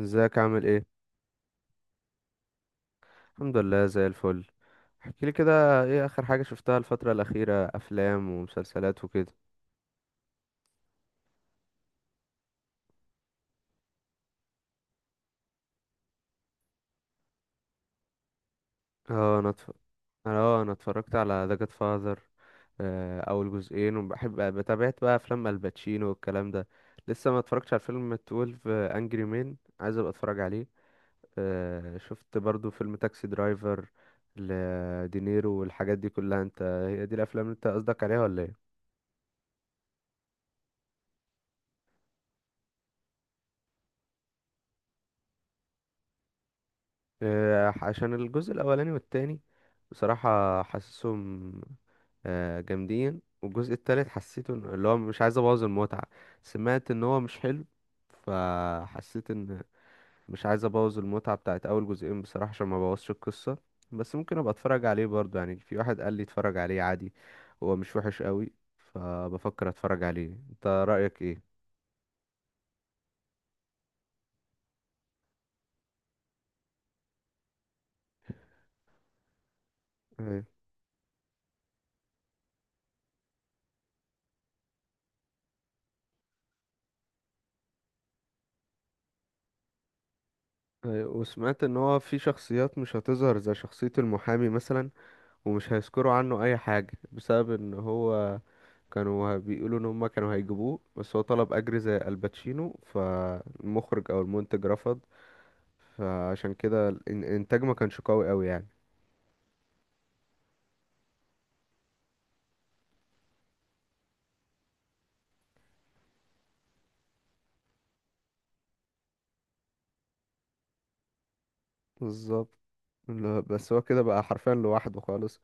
ازيك عامل ايه؟ الحمد لله زي الفل. احكي لي كده، ايه اخر حاجة شفتها الفترة الأخيرة؟ افلام ومسلسلات وكده. اه انا اتف... اه انا اتفرجت على ذا جاد فاذر اول جزئين، وبحب بتابعت بقى افلام الباتشينو والكلام ده. لسه ما اتفرجتش على فيلم 12 انجري مان، عايز ابقى اتفرج عليه. آه، شفت برضو فيلم تاكسي درايفر لدينيرو والحاجات دي كلها. انت هي دي الافلام اللي انت قصدك عليها ولا ايه؟ عشان الجزء الاولاني والتاني بصراحة حاسسهم جامدين. والجزء التالت حسيته اللي هو مش عايز ابوظ المتعة. سمعت ان هو مش حلو، فحسيت ان مش عايز ابوظ المتعة بتاعت اول جزئين بصراحة، عشان ما بوظش القصة. بس ممكن ابقى اتفرج عليه برضه يعني. في واحد قال لي اتفرج عليه عادي، هو مش وحش قوي، فبفكر اتفرج عليه. انت رأيك ايه؟ أيوة. أيوة، وسمعت ان هو في شخصيات مش هتظهر، زي شخصية المحامي مثلا، ومش هيذكروا عنه اي حاجة بسبب ان هو كانوا بيقولوا ان هما كانوا هيجيبوه، بس هو طلب اجر زي الباتشينو، فالمخرج او المنتج رفض. فعشان كده الانتاج ما كانش قوي قوي يعني. بالظبط. لا، بس هو كده بقى حرفيا لوحده خالص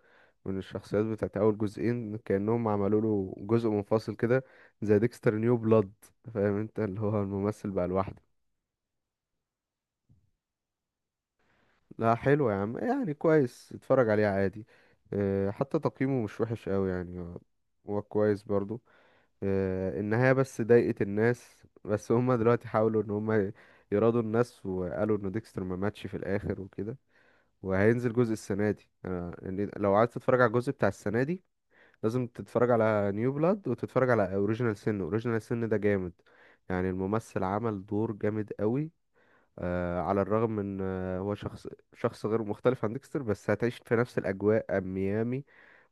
من الشخصيات بتاعت اول جزئين، كأنهم عملوا له جزء منفصل كده، زي ديكستر نيو بلاد. فاهم انت، اللي هو الممثل بقى لوحده. لا حلو يا عم، يعني كويس، اتفرج عليه عادي. أه، حتى تقييمه مش وحش قوي يعني، هو هو كويس برضو. أه، النهاية بس ضايقت الناس، بس هما دلوقتي حاولوا ان هما يراضوا الناس، وقالوا ان ديكستر ما ماتش في الاخر وكده. وهينزل جزء السنة دي. أه، يعني لو عايز تتفرج على الجزء بتاع السنة دي، لازم تتفرج على نيو بلاد وتتفرج على اوريجينال سن. اوريجينال سن ده جامد، يعني الممثل عمل دور جامد قوي. على الرغم من هو شخص، شخص غير مختلف عن ديكستر، بس هتعيش في نفس الأجواء، ميامي،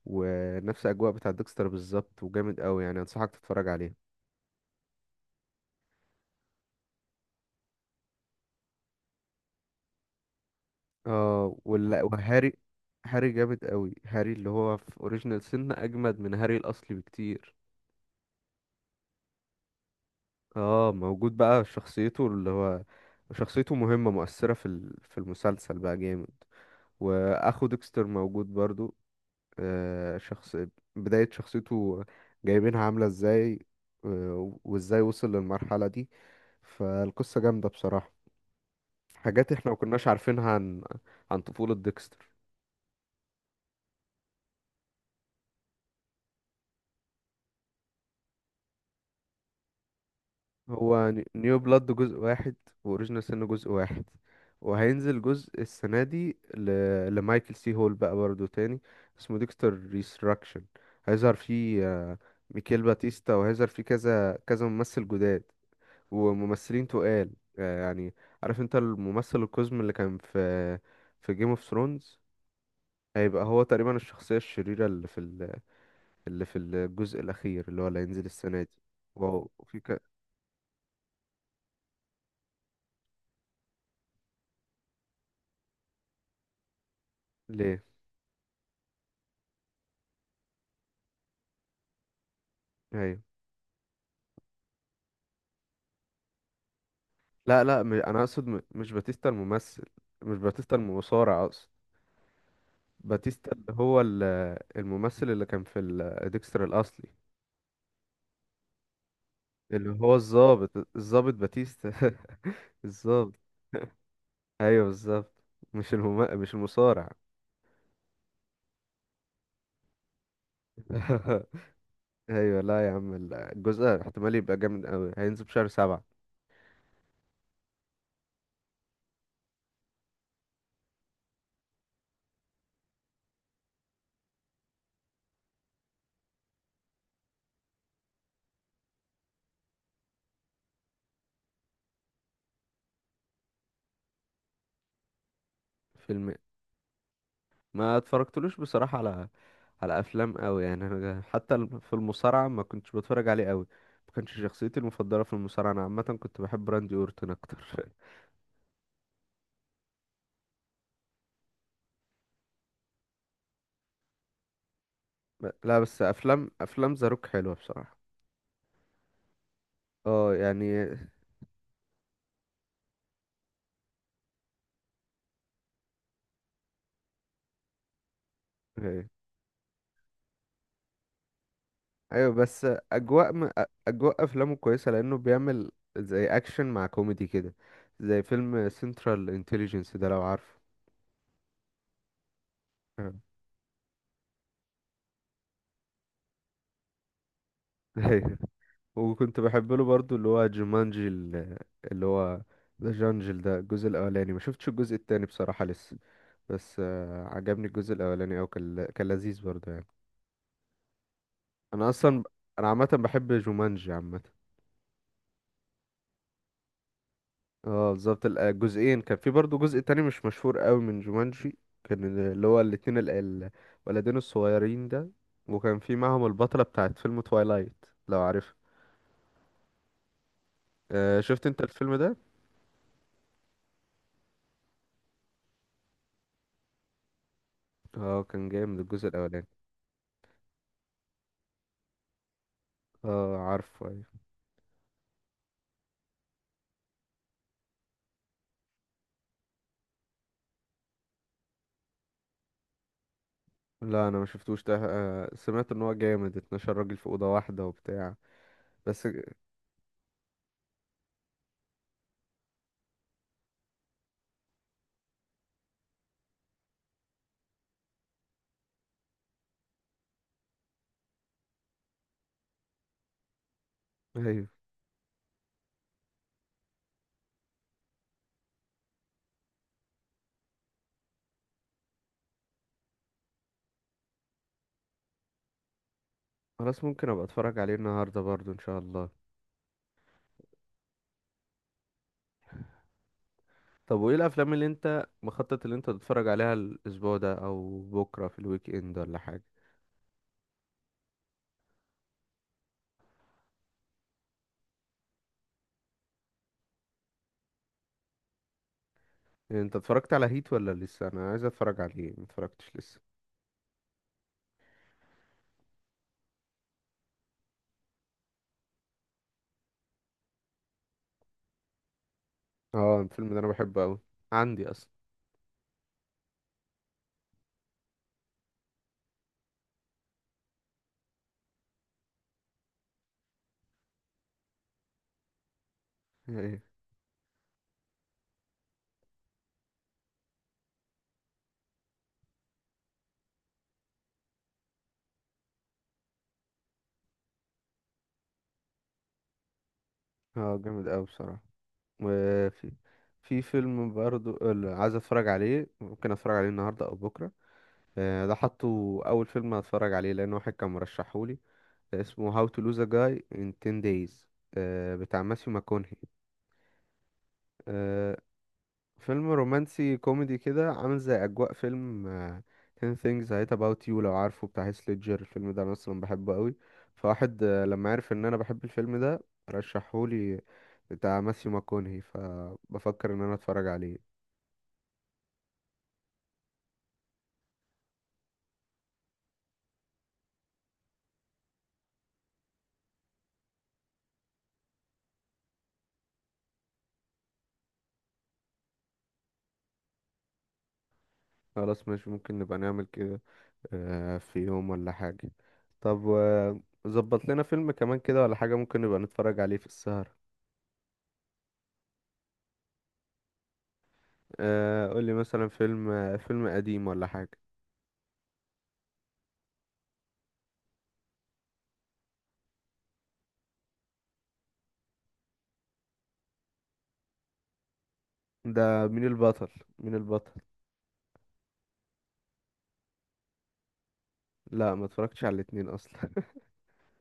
ونفس الأجواء بتاع ديكستر بالظبط. وجامد أوي يعني، أنصحك تتفرج عليه. اه ولا وهاري. هاري جامد أوي. هاري اللي هو في أوريجينال سن أجمد من هاري الأصلي بكتير. اه موجود بقى. شخصيته اللي هو، شخصيته مهمة مؤثرة في في المسلسل، بقى جامد. وأخو ديكستر موجود برضو. شخص، بداية شخصيته جايبينها عاملة ازاي، وازاي وصل للمرحلة دي. فالقصة جامدة بصراحة. حاجات احنا مكناش عارفينها عن عن طفولة ديكستر. نيو بلاد جزء واحد، وأوريجينال سن جزء واحد. وهينزل جزء السنة دي لمايكل سي هول بقى برضه تاني. اسمه ديكستر ريستراكشن. هيظهر فيه ميكيل باتيستا، وهيظهر فيه كذا كذا ممثل جداد وممثلين تقال. يعني عارف انت الممثل القزم اللي كان في في جيم اوف ثرونز؟ هيبقى هو تقريبا الشخصية الشريرة اللي في اللي في الجزء الأخير، اللي هو اللي هينزل السنة دي. واو في ليه؟ ايوه. لا لا م... انا اقصد مش باتيستا الممثل. مش باتيستا المصارع اقصد. باتيستا اللي هو الممثل اللي كان في ديكستر الأصلي، اللي هو الضابط، الضابط باتيستا. الضابط. ايوه بالظبط. مش المصارع. ايوه. لا يا عم، الجزء احتمال يبقى جامد قوي. هينزل في شهر سبعة. فيلم، ما اتفرجتلوش بصراحة على على افلام قوي يعني. انا حتى في المصارعة ما كنتش بتفرج عليه قوي، ما كانش شخصيتي المفضلة في المصارعة. انا عامة كنت بحب راندي اورتون اكتر. لا بس افلام، افلام زاروك حلوة بصراحة. اه يعني. إيه. ايوه بس اجواء اجواء افلامه كويسة، لانه بيعمل زي اكشن مع كوميدي كده، زي فيلم سنترال انتليجنس ده لو عارفه. آه. ايوه. وكنت بحب له برضو اللي هو جومانجي اللي هو ذا جانجل ده. الجزء الاولاني، ما شفتش الجزء التاني بصراحة لسه، بس عجبني الجزء الاولاني، او كان لذيذ برضو يعني. انا اصلا، انا عامة بحب جومانجي عامة. اه بالظبط. الجزئين، كان في برضو جزء تاني مش مشهور قوي من جومانجي. كان اللي هو الاتنين الولدين الصغيرين ده، وكان في معهم البطلة بتاعت فيلم توايلايت لو عارف. شفت انت الفيلم ده؟ اه كان جامد الجزء الاولاني. اه عارفه. لا انا ما شفتوش ده. سمعت ان هو جامد، 12 راجل في اوضه واحده وبتاع. بس ايوه. خلاص ممكن ابقى اتفرج عليه النهارده برضو ان شاء الله. طب وايه الافلام اللي انت مخطط، اللي انت تتفرج عليها الاسبوع ده او بكره في الويك اند ولا حاجه؟ يعني انت اتفرجت على هيت ولا لسه؟ انا عايز اتفرج عليه، ما اتفرجتش لسه. اه الفيلم ده انا بحبه قوي. عندي اصلا. ايه. اه جامد قوي بصراحه. وفي، في فيلم برضو اللي عايز اتفرج عليه، ممكن اتفرج عليه النهارده او بكره. ده حطه اول فيلم هتفرج عليه، لان واحد كان مرشحهولي. ده اسمه How to Lose a Guy in 10 Days. بتاع ماثيو ماكونهي. آه، فيلم رومانسي كوميدي كده، عامل زي اجواء فيلم 10 Things I Hate About You لو عارفه، بتاع هيث ليدجر. الفيلم ده انا اصلا بحبه قوي. فواحد لما عرف ان انا بحب الفيلم ده رشحهولي، بتاع ماثيو ماكونهي، فبفكر ان انا اتفرج عليه. خلاص ماشي، ممكن نبقى نعمل كده في يوم ولا حاجة. طب ظبط لنا فيلم كمان كده ولا حاجة، ممكن نبقى نتفرج عليه في السهرة. قولي مثلا فيلم فيلم قديم ولا حاجة. ده مين البطل؟ مين البطل؟ لا ما اتفرجتش على الاتنين اصلا.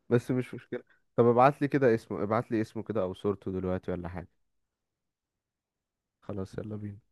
بس مش مشكلة. طب ابعت لي كده اسمه، ابعت لي اسمه كده او صورته دلوقتي ولا حاجة. خلاص يلا بينا.